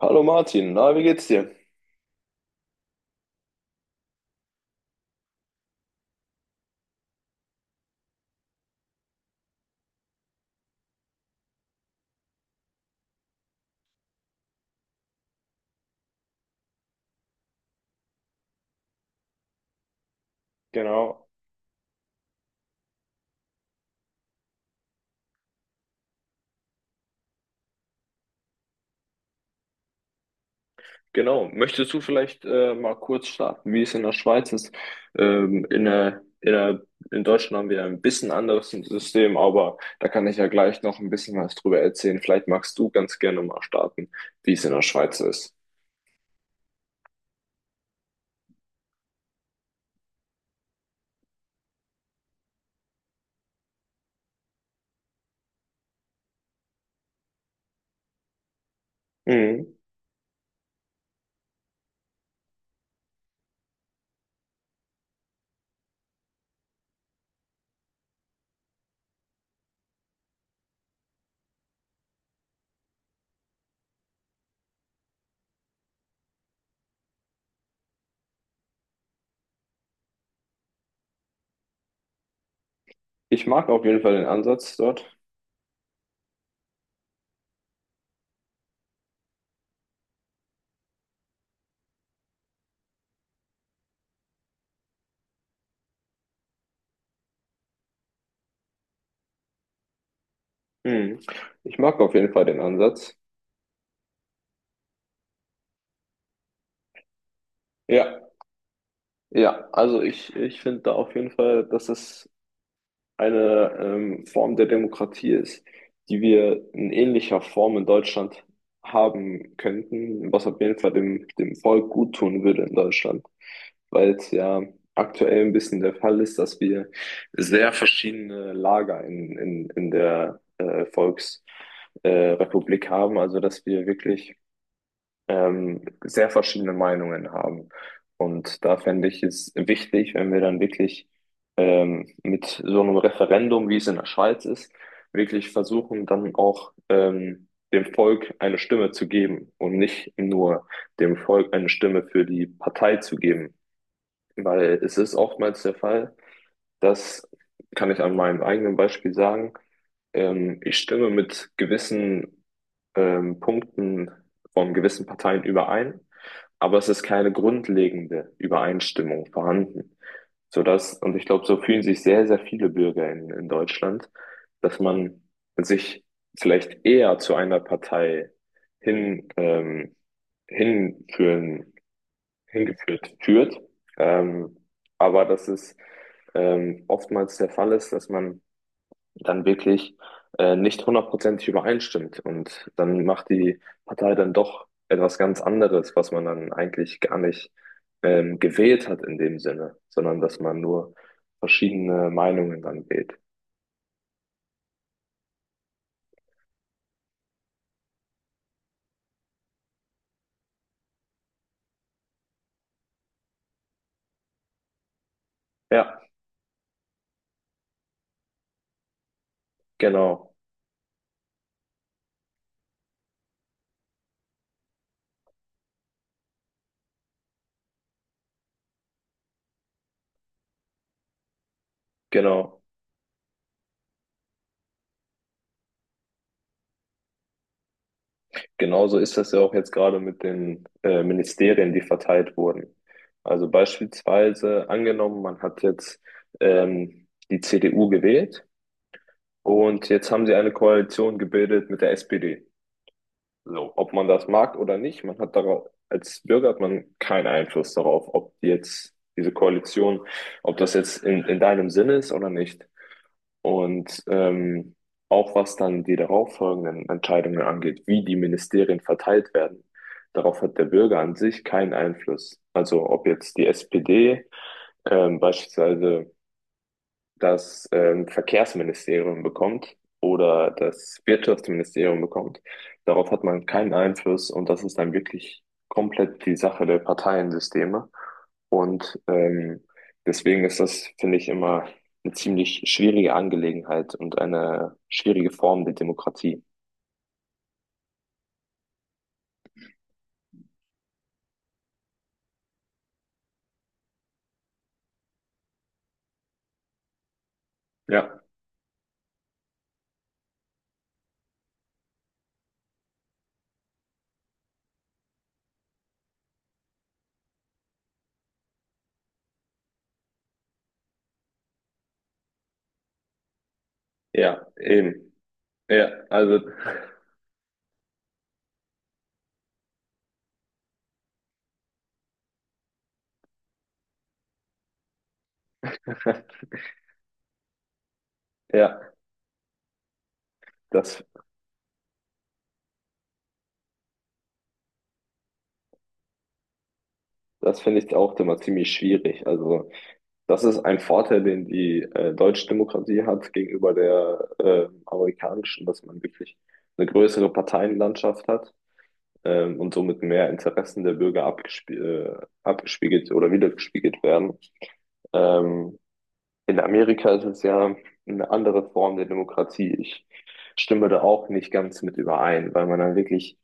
Hallo Martin, na, wie geht's dir? Genau. Genau. Möchtest du vielleicht mal kurz starten, wie es in der Schweiz ist? Ähm, in der, in der, in Deutschland haben wir ein bisschen anderes System, aber da kann ich ja gleich noch ein bisschen was drüber erzählen. Vielleicht magst du ganz gerne mal starten, wie es in der Schweiz ist. Mhm. Ich mag auf jeden Fall den Ansatz dort. Mhm. Ich mag auf jeden Fall den Ansatz. Ja, ja, also ich finde da auf jeden Fall, dass es eine Form der Demokratie ist, die wir in ähnlicher Form in Deutschland haben könnten, was auf jeden Fall dem, dem Volk gut tun würde in Deutschland, weil es ja aktuell ein bisschen der Fall ist, dass wir sehr verschiedene Lager in der Volksrepublik äh, Republik haben, also dass wir wirklich sehr verschiedene Meinungen haben. Und da fände ich es wichtig, wenn wir dann wirklich mit so einem Referendum, wie es in der Schweiz ist, wirklich versuchen, dann auch dem Volk eine Stimme zu geben und nicht nur dem Volk eine Stimme für die Partei zu geben. Weil es ist oftmals der Fall, das kann ich an meinem eigenen Beispiel sagen. Ich stimme mit gewissen Punkten von gewissen Parteien überein, aber es ist keine grundlegende Übereinstimmung vorhanden. Sodass, und ich glaube, so fühlen sich sehr, sehr viele Bürger in Deutschland, dass man sich vielleicht eher zu einer Partei hin, hinführen, hingeführt führt, ähm, aber dass es oftmals der Fall ist, dass man dann wirklich nicht hundertprozentig übereinstimmt. Und dann macht die Partei dann doch etwas ganz anderes, was man dann eigentlich gar nicht gewählt hat in dem Sinne, sondern dass man nur verschiedene Meinungen dann wählt. Ja, genau, genau. Genauso ist das ja auch jetzt gerade mit den Ministerien, die verteilt wurden. Also beispielsweise angenommen, man hat jetzt die CDU gewählt und jetzt haben sie eine Koalition gebildet mit der SPD. So, ob man das mag oder nicht, man hat darauf, als Bürger hat man keinen Einfluss darauf, ob jetzt diese Koalition, ob das jetzt in deinem Sinne ist oder nicht. Und auch was dann die darauffolgenden Entscheidungen angeht, wie die Ministerien verteilt werden, darauf hat der Bürger an sich keinen Einfluss. Also ob jetzt die SPD beispielsweise das Verkehrsministerium bekommt oder das Wirtschaftsministerium bekommt. Darauf hat man keinen Einfluss und das ist dann wirklich komplett die Sache der Parteiensysteme. Und deswegen ist das, finde ich, immer eine ziemlich schwierige Angelegenheit und eine schwierige Form der Demokratie. Ja, ja, eben. Ja, also, ja, das, das finde ich auch immer ziemlich schwierig. Also, das ist ein Vorteil, den die deutsche Demokratie hat gegenüber der amerikanischen, dass man wirklich eine größere Parteienlandschaft hat, und somit mehr Interessen der Bürger abgespiegelt oder wiedergespiegelt werden. Ähm, in Amerika ist es ja eine andere Form der Demokratie. Ich stimme da auch nicht ganz mit überein, weil man dann wirklich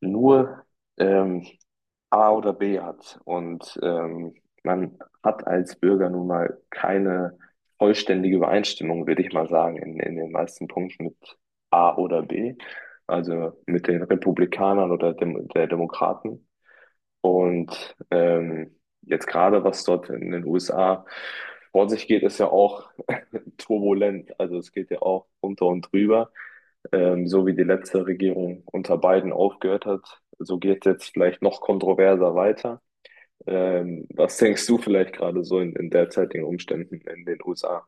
nur ähm, A oder B hat. Und man hat als Bürger nun mal keine vollständige Übereinstimmung, würde ich mal sagen, in den meisten Punkten mit A oder B, also mit den Republikanern oder Dem der Demokraten. Und jetzt gerade, was dort in den USA vor sich geht, ist ja auch turbulent. Also es geht ja auch unter und drüber. So wie die letzte Regierung unter Biden aufgehört hat, so geht es jetzt vielleicht noch kontroverser weiter. Was denkst du vielleicht gerade so in derzeitigen Umständen in den USA?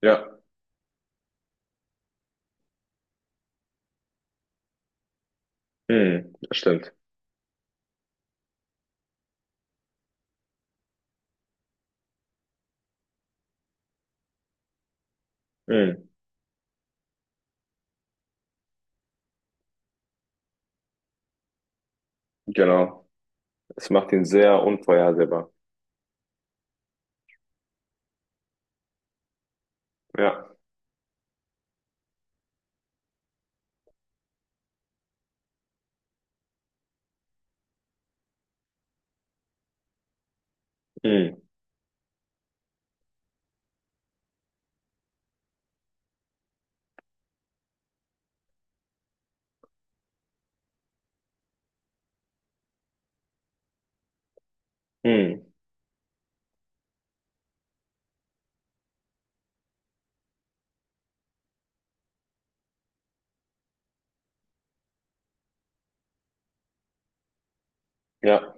Ja, hm, das stimmt. Hm, genau. Es macht ihn sehr unvorhersehbar. Ja, hm, hm, ja,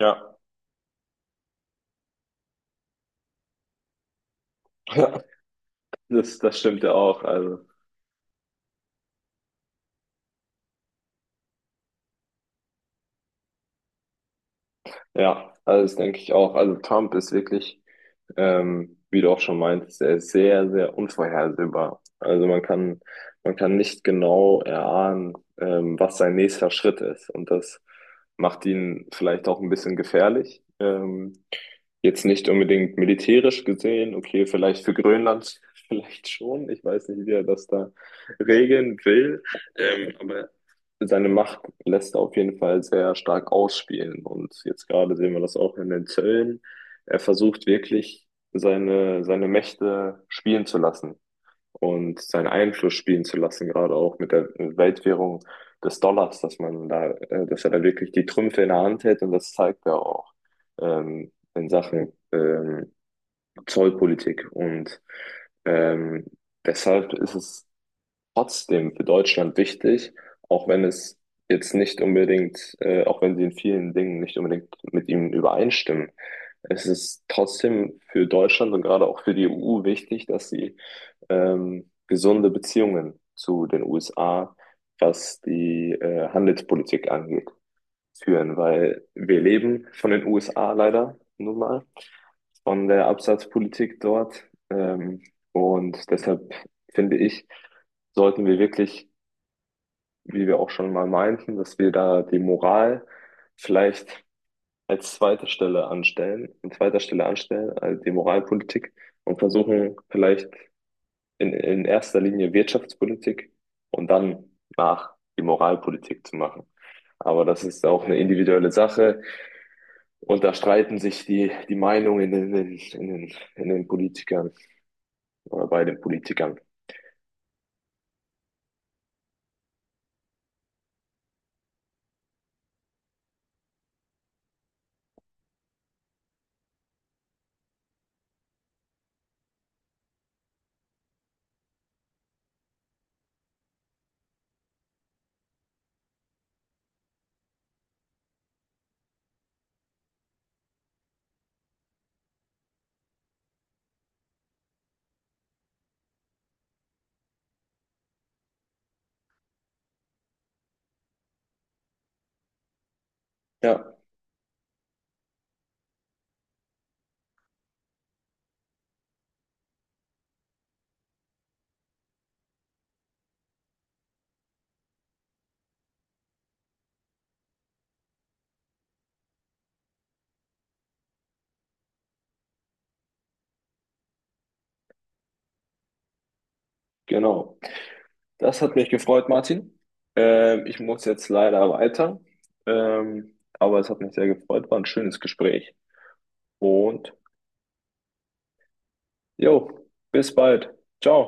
ja. Das, das stimmt ja auch. Also, ja, also das denke ich auch. Also Trump ist wirklich, wie du auch schon meintest, er ist sehr, sehr unvorhersehbar. Also man kann nicht genau erahnen, was sein nächster Schritt ist. Und das macht ihn vielleicht auch ein bisschen gefährlich. Jetzt nicht unbedingt militärisch gesehen, okay, vielleicht für Grönland vielleicht schon. Ich weiß nicht, wie er das da regeln will. Aber seine Macht lässt er auf jeden Fall sehr stark ausspielen. Und jetzt gerade sehen wir das auch in den Zöllen. Er versucht wirklich, seine Mächte spielen zu lassen und seinen Einfluss spielen zu lassen, gerade auch mit der Weltwährung des Dollars, dass man da, dass er da wirklich die Trümpfe in der Hand hält und das zeigt er auch in Sachen Zollpolitik. Und ähm, deshalb ist es trotzdem für Deutschland wichtig, auch wenn es jetzt nicht unbedingt, auch wenn sie in vielen Dingen nicht unbedingt mit ihm übereinstimmen. Es ist trotzdem für Deutschland und gerade auch für die EU wichtig, dass sie gesunde Beziehungen zu den USA, was die Handelspolitik angeht, führen, weil wir leben von den USA leider nun mal, von der Absatzpolitik dort. Und deshalb finde ich, sollten wir wirklich, wie wir auch schon mal meinten, dass wir da die Moral vielleicht als zweite Stelle anstellen, an zweiter Stelle anstellen, also die Moralpolitik, und versuchen vielleicht in erster Linie Wirtschaftspolitik und dann nach die Moralpolitik zu machen. Aber das ist auch eine individuelle Sache und da streiten sich die, die Meinungen in den, in den, in den Politikern oder bei den Politikern. Ja, genau. Das hat mich gefreut, Martin. Ich muss jetzt leider weiter. Aber es hat mich sehr gefreut, war ein schönes Gespräch. Und jo, bis bald. Ciao.